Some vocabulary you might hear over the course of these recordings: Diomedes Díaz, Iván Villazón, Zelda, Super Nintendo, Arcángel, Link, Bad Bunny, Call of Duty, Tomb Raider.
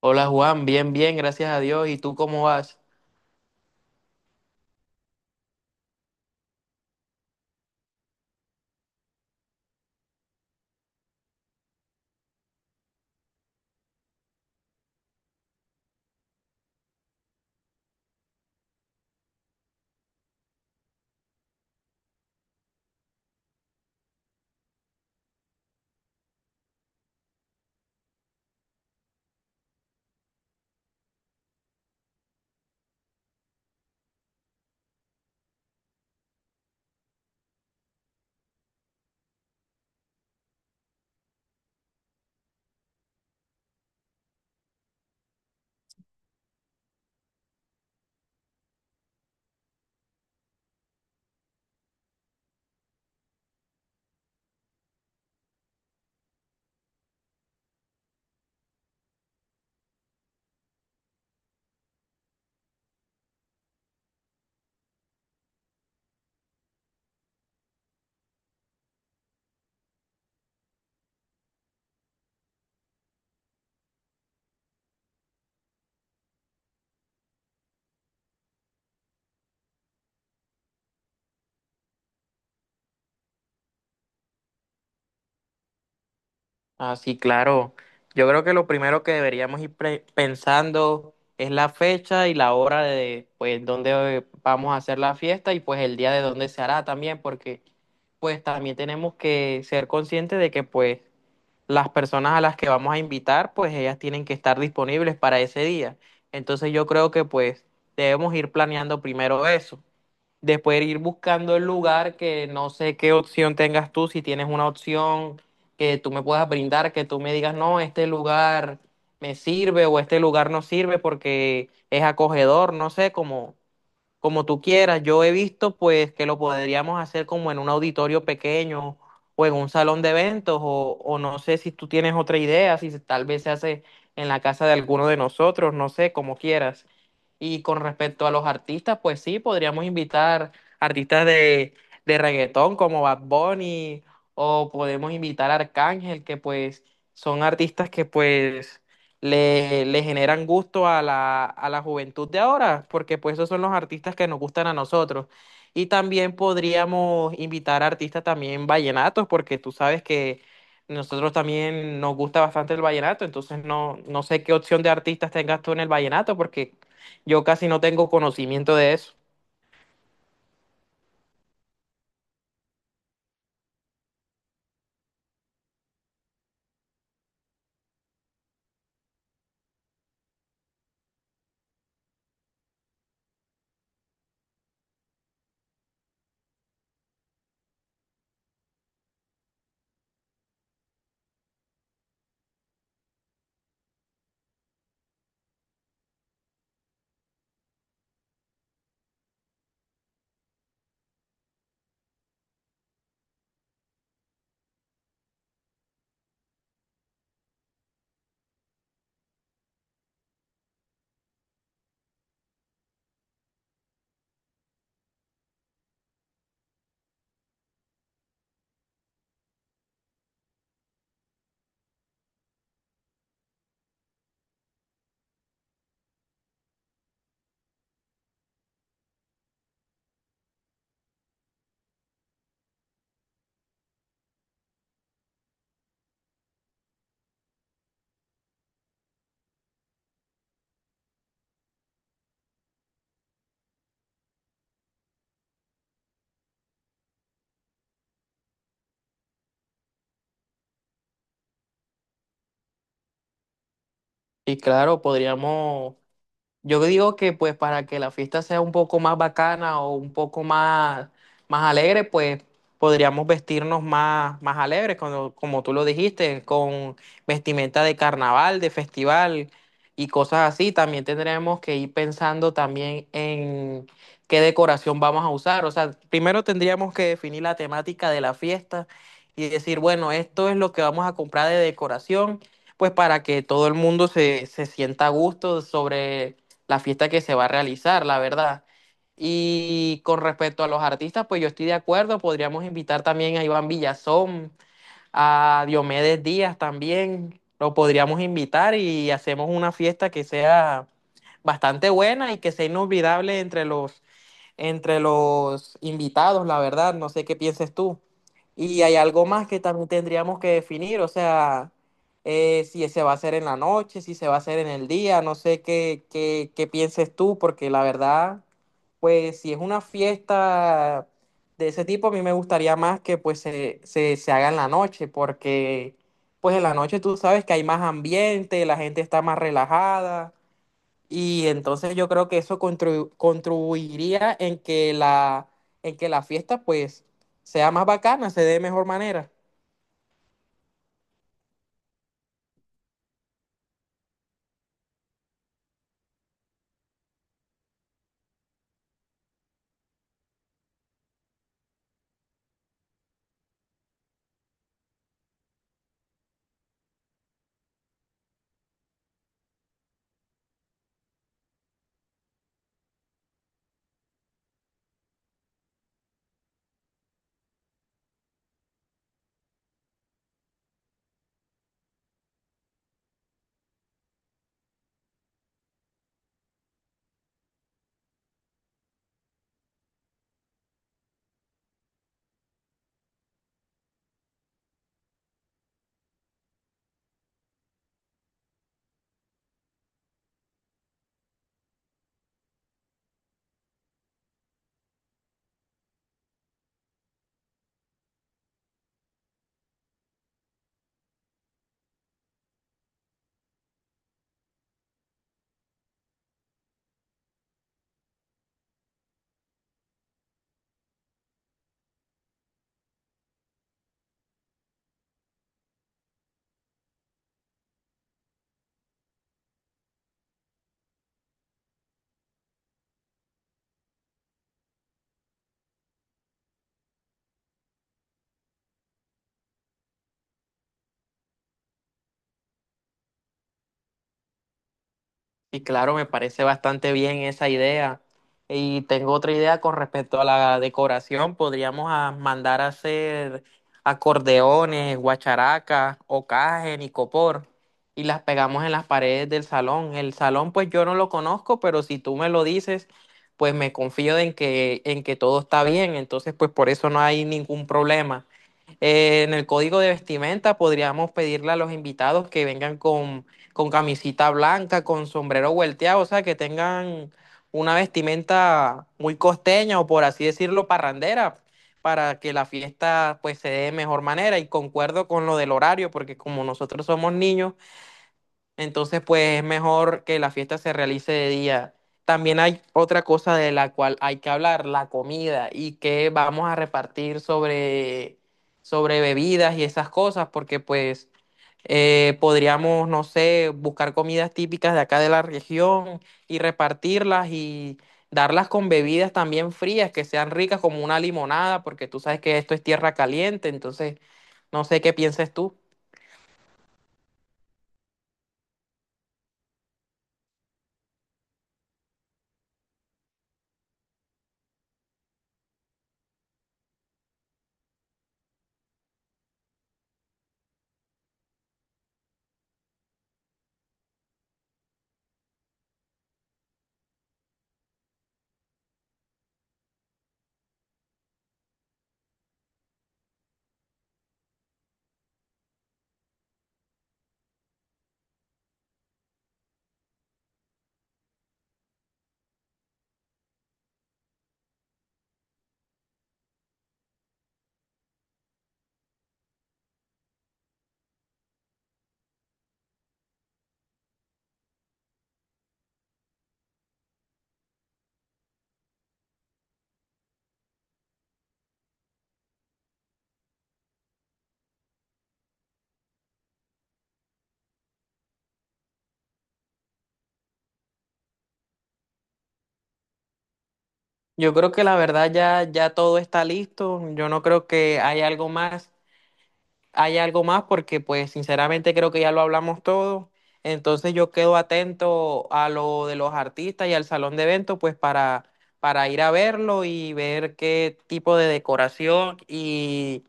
Hola Juan, bien, bien, gracias a Dios. ¿Y tú cómo vas? Ah, sí, claro. Yo creo que lo primero que deberíamos ir pensando es la fecha y la hora de, pues, dónde vamos a hacer la fiesta y pues el día de dónde se hará también, porque pues también tenemos que ser conscientes de que pues las personas a las que vamos a invitar, pues ellas tienen que estar disponibles para ese día. Entonces yo creo que pues debemos ir planeando primero eso. Después ir buscando el lugar que no sé qué opción tengas tú, si tienes una opción que tú me puedas brindar, que tú me digas, no, este lugar me sirve o este lugar no sirve porque es acogedor, no sé, como tú quieras. Yo he visto pues que lo podríamos hacer como en un auditorio pequeño o en un salón de eventos o no sé si tú tienes otra idea, si tal vez se hace en la casa de alguno de nosotros, no sé, como quieras. Y con respecto a los artistas, pues sí, podríamos invitar artistas de reggaetón como Bad Bunny o podemos invitar a Arcángel, que pues son artistas que pues le generan gusto a la juventud de ahora, porque pues esos son los artistas que nos gustan a nosotros. Y también podríamos invitar a artistas también vallenatos, porque tú sabes que nosotros también nos gusta bastante el vallenato, entonces no, no sé qué opción de artistas tengas tú en el vallenato, porque yo casi no tengo conocimiento de eso. Y claro, podríamos. Yo digo que pues para que la fiesta sea un poco más bacana o un poco más, más alegre, pues podríamos vestirnos más, más alegres, como, como tú lo dijiste, con vestimenta de carnaval, de festival y cosas así. También tendremos que ir pensando también en qué decoración vamos a usar. O sea, primero tendríamos que definir la temática de la fiesta y decir, bueno, esto es lo que vamos a comprar de decoración, pues para que todo el mundo se, se sienta a gusto sobre la fiesta que se va a realizar, la verdad. Y con respecto a los artistas, pues yo estoy de acuerdo, podríamos invitar también a Iván Villazón, a Diomedes Díaz también, lo podríamos invitar y hacemos una fiesta que sea bastante buena y que sea inolvidable entre los invitados, la verdad, no sé qué pienses tú. Y hay algo más que también tendríamos que definir, o sea, si se va a hacer en la noche, si se va a hacer en el día, no sé qué pienses tú, porque la verdad, pues si es una fiesta de ese tipo, a mí me gustaría más que pues se haga en la noche, porque pues en la noche tú sabes que hay más ambiente, la gente está más relajada, y entonces yo creo que eso contribuiría en que la fiesta pues sea más bacana, se dé de mejor manera. Y claro, me parece bastante bien esa idea. Y tengo otra idea con respecto a la decoración. Podríamos mandar a hacer acordeones, guacharacas, ocajen y copor. Y las pegamos en las paredes del salón. El salón, pues yo no lo conozco, pero si tú me lo dices, pues me confío en que todo está bien. Entonces, pues por eso no hay ningún problema. En el código de vestimenta podríamos pedirle a los invitados que vengan con camisita blanca, con sombrero vuelteado, o sea, que tengan una vestimenta muy costeña o por así decirlo, parrandera, para que la fiesta pues se dé de mejor manera. Y concuerdo con lo del horario, porque como nosotros somos niños, entonces, pues es mejor que la fiesta se realice de día. También hay otra cosa de la cual hay que hablar, la comida y qué vamos a repartir sobre bebidas y esas cosas, porque pues podríamos, no sé, buscar comidas típicas de acá de la región y repartirlas y darlas con bebidas también frías, que sean ricas como una limonada, porque tú sabes que esto es tierra caliente, entonces no sé qué pienses tú. Yo creo que la verdad ya, ya todo está listo. Yo no creo que haya algo más, hay algo más porque pues sinceramente creo que ya lo hablamos todo. Entonces yo quedo atento a lo de los artistas y al salón de eventos pues para ir a verlo y ver qué tipo de decoración y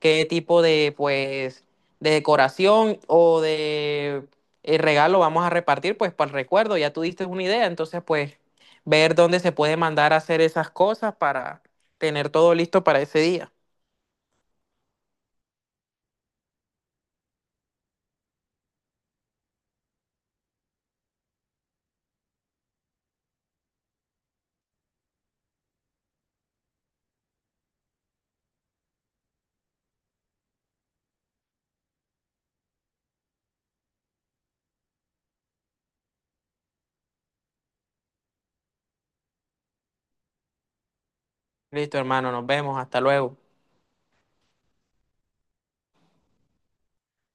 qué tipo de pues de decoración o de regalo vamos a repartir pues para el recuerdo. Ya tú diste una idea, entonces pues ver dónde se puede mandar a hacer esas cosas para tener todo listo para ese día. Listo, hermano, nos vemos, hasta luego.